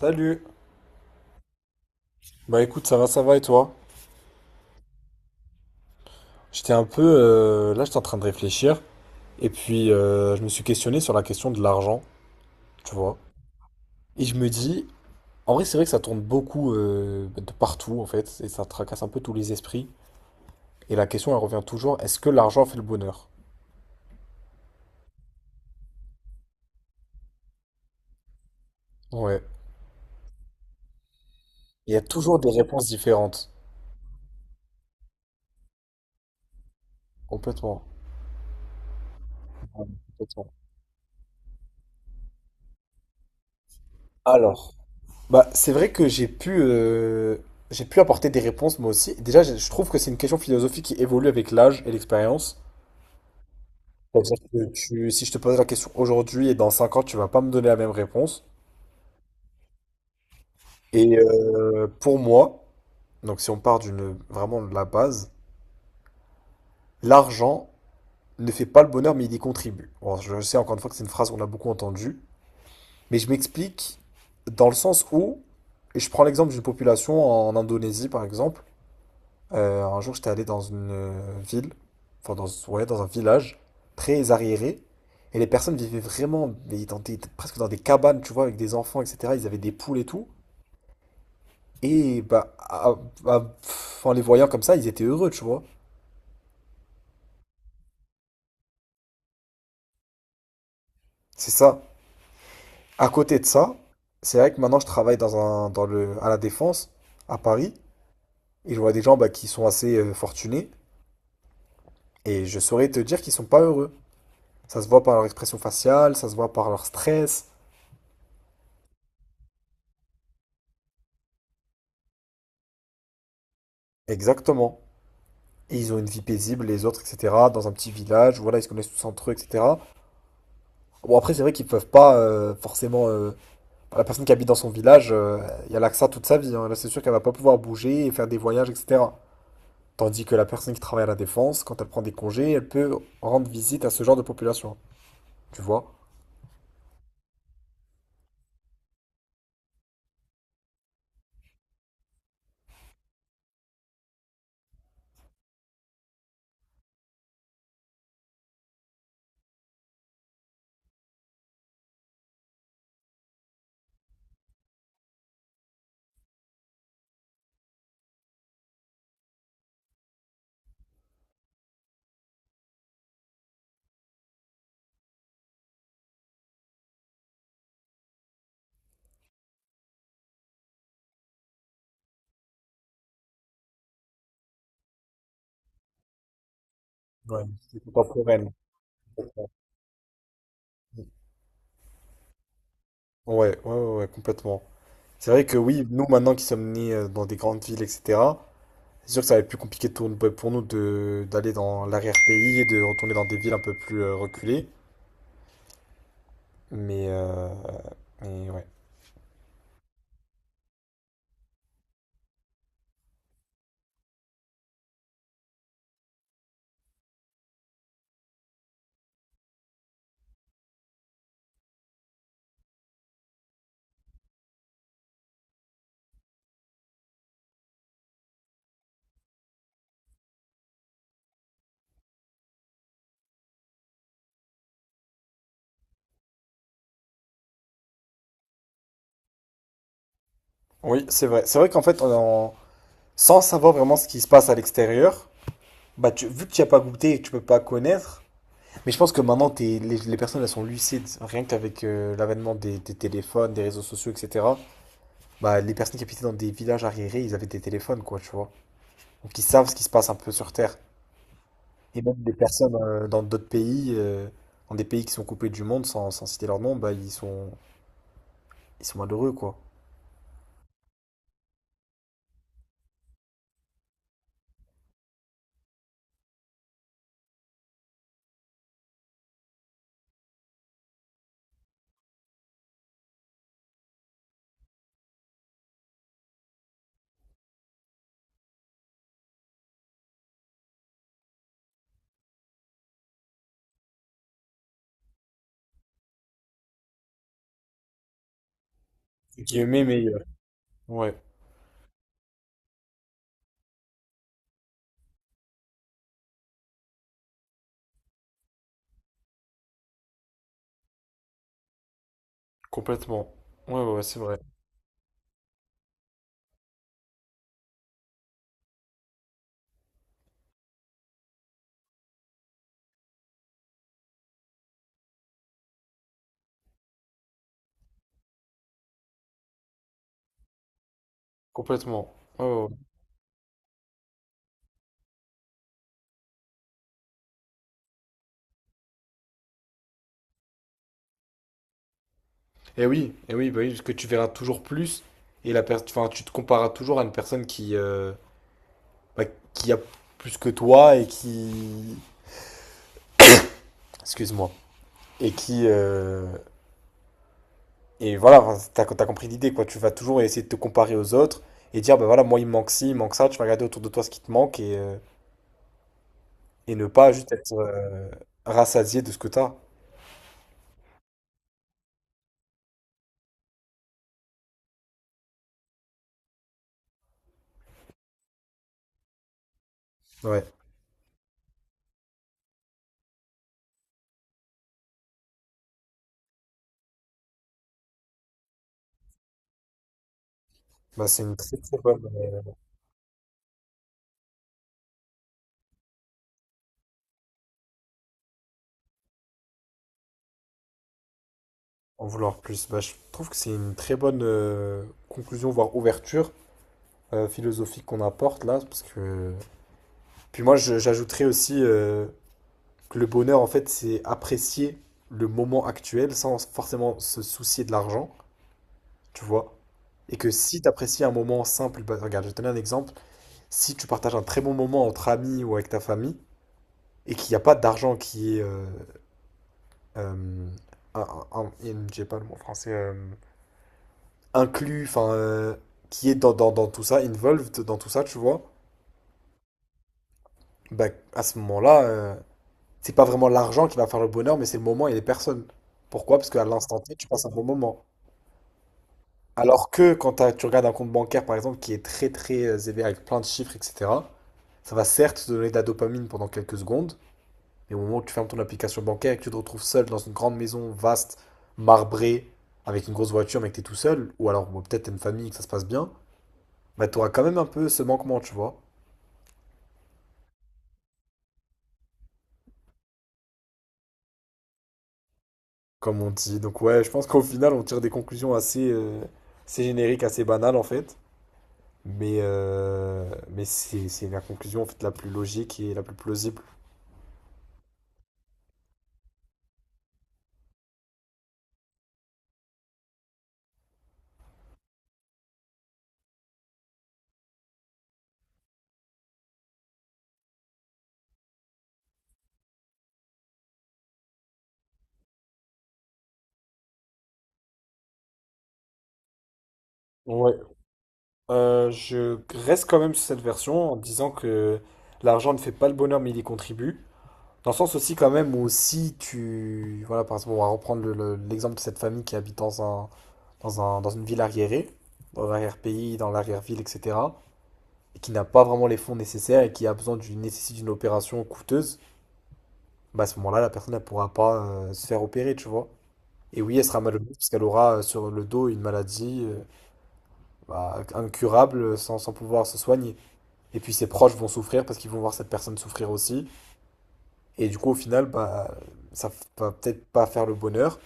Salut. Bah écoute, ça va et toi? J'étais un peu là, j'étais en train de réfléchir et puis je me suis questionné sur la question de l'argent, tu vois. Et je me dis, en vrai, c'est vrai que ça tourne beaucoup de partout en fait et ça tracasse un peu tous les esprits. Et la question, elle revient toujours, est-ce que l'argent fait le bonheur? Ouais. Il y a toujours des réponses différentes. Complètement. Ouais, complètement. Alors, bah c'est vrai que j'ai pu apporter des réponses moi aussi. Déjà, je trouve que c'est une question philosophique qui évolue avec l'âge et l'expérience. C'est-à-dire que tu, si je te pose la question aujourd'hui et dans 5 ans, tu vas pas me donner la même réponse. Et pour moi, donc si on part d'une vraiment de la base, l'argent ne fait pas le bonheur, mais il y contribue. Bon, je sais encore une fois que c'est une phrase qu'on a beaucoup entendue, mais je m'explique dans le sens où, et je prends l'exemple d'une population en Indonésie par exemple. Un jour, j'étais allé dans une ville, enfin dans, ouais, dans un village très arriéré, et les personnes vivaient vraiment mais presque dans des cabanes, tu vois, avec des enfants, etc. Ils avaient des poules et tout, et bah, en les voyant comme ça, ils étaient heureux, tu vois. C'est ça. À côté de ça, c'est vrai que maintenant, je travaille dans un, dans le, à la Défense, à Paris, et je vois des gens bah, qui sont assez fortunés, et je saurais te dire qu'ils sont pas heureux. Ça se voit par leur expression faciale, ça se voit par leur stress. Exactement. Et ils ont une vie paisible, les autres, etc. Dans un petit village, voilà, ils se connaissent tous entre eux, etc. Bon, après, c'est vrai qu'ils peuvent pas forcément. La personne qui habite dans son village, il y a là que ça toute sa vie, hein. Là, c'est sûr qu'elle va pas pouvoir bouger et faire des voyages, etc. Tandis que la personne qui travaille à la Défense, quand elle prend des congés, elle peut rendre visite à ce genre de population. Tu vois? Ouais, c'est contemporaine. Ouais, ouais, ouais, ouais, complètement. C'est vrai que oui, nous maintenant qui sommes nés dans des grandes villes, etc. C'est sûr que ça va être plus compliqué pour nous de d'aller dans l'arrière-pays et de retourner dans des villes un peu plus reculées. Mais, euh, mais ouais. Oui, c'est vrai. C'est vrai qu'en fait, sans savoir vraiment ce qui se passe à l'extérieur, bah vu que tu n'y as pas goûté et que tu peux pas connaître, mais je pense que maintenant les personnes elles sont lucides, rien qu'avec l'avènement des téléphones, des réseaux sociaux, etc. Bah les personnes qui habitaient dans des villages arriérés, ils avaient des téléphones, quoi, tu vois. Donc ils savent ce qui se passe un peu sur Terre. Et même des personnes dans d'autres pays, dans des pays qui sont coupés du monde, sans citer leur nom, bah ils sont malheureux, quoi. Et qui Guillemets meilleur. Ouais, complètement. Ouais, ouais, ouais, c'est vrai. Complètement. Ouais, ouais, ouais. Et oui, bah oui, parce que tu verras toujours plus et la personne, enfin, tu te compareras toujours à une personne qui, bah, qui a plus que toi et qui, excuse-moi, et qui, euh, Et voilà, enfin, t'as compris l'idée, quoi. Tu vas toujours essayer de te comparer aux autres et dire, bah voilà, moi, il me manque ci, il me manque ça. Tu vas regarder autour de toi ce qui te manque et ne pas juste être rassasié de ce que t'as. Ouais. Bah, c'est une très très bonne. En vouloir plus. Bah, je trouve que c'est une très bonne conclusion, voire ouverture philosophique qu'on apporte là. Parce que... Puis moi, j'ajouterais aussi que le bonheur, en fait, c'est apprécier le moment actuel sans forcément se soucier de l'argent, tu vois. Et que si tu apprécies un moment simple, bah, regarde, je vais te donner un exemple. Si tu partages un très bon moment entre amis ou avec ta famille et qu'il n'y a pas d'argent qui est. Euh, j'ai pas le mot français. Inclus, enfin. Qui est dans tout ça, involved dans tout ça, tu vois. Bah, à ce moment-là, c'est pas vraiment l'argent qui va faire le bonheur, mais c'est le moment et les personnes. Pourquoi? Parce qu'à l'instant T, tu passes un bon moment. Alors que quand tu regardes un compte bancaire, par exemple, qui est très très élevé avec plein de chiffres, etc. Ça va certes te donner de la dopamine pendant quelques secondes, mais au moment où tu fermes ton application bancaire et que tu te retrouves seul dans une grande maison vaste, marbrée, avec une grosse voiture, mais que tu es tout seul, ou alors bon, peut-être t'as une famille, et que ça se passe bien, bah tu auras quand même un peu ce manquement, tu vois, comme on dit. Donc ouais, je pense qu'au final, on tire des conclusions assez génériques, assez banales en fait. Mais c'est la conclusion en fait la plus logique et la plus plausible. Ouais. Je reste quand même sur cette version en disant que l'argent ne fait pas le bonheur mais il y contribue. Dans le sens aussi quand même où si tu... Voilà, par exemple, on va reprendre l'exemple de cette famille qui habite dans une ville arriérée, dans l'arrière-pays, dans l'arrière-ville, etc., et qui n'a pas vraiment les fonds nécessaires et qui a besoin nécessite d'une opération coûteuse, bah à ce moment-là, la personne ne pourra pas se faire opérer, tu vois. Et oui, elle sera malheureuse parce qu'elle aura sur le dos une maladie bah, incurable sans pouvoir se soigner. Et puis ses proches vont souffrir parce qu'ils vont voir cette personne souffrir aussi. Et du coup, au final, bah, ça va peut-être pas faire le bonheur.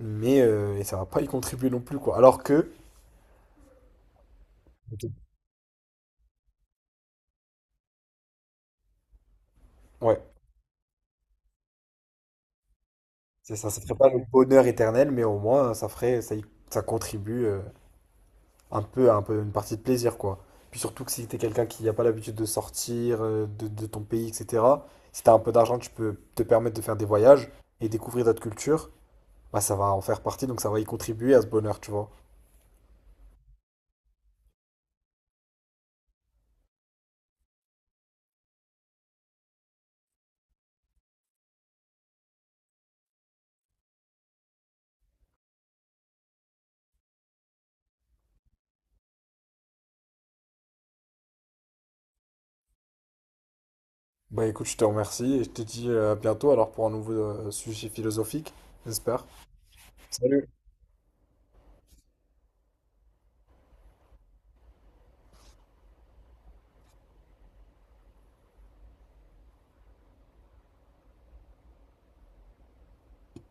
Mais et ça va pas y contribuer non plus, quoi. Alors que, OK, ouais, c'est ça, ça serait pas le bonheur éternel, mais au moins ça ferait, ça contribue un peu à un peu une partie de plaisir, quoi. Puis surtout que si t'es quelqu'un qui n'a pas l'habitude de sortir de ton pays, etc., si t'as un peu d'argent, tu peux te permettre de faire des voyages et découvrir d'autres cultures, bah ça va en faire partie, donc ça va y contribuer à ce bonheur, tu vois. Bah écoute, je te remercie et je te dis à bientôt alors pour un nouveau sujet philosophique, j'espère. Salut!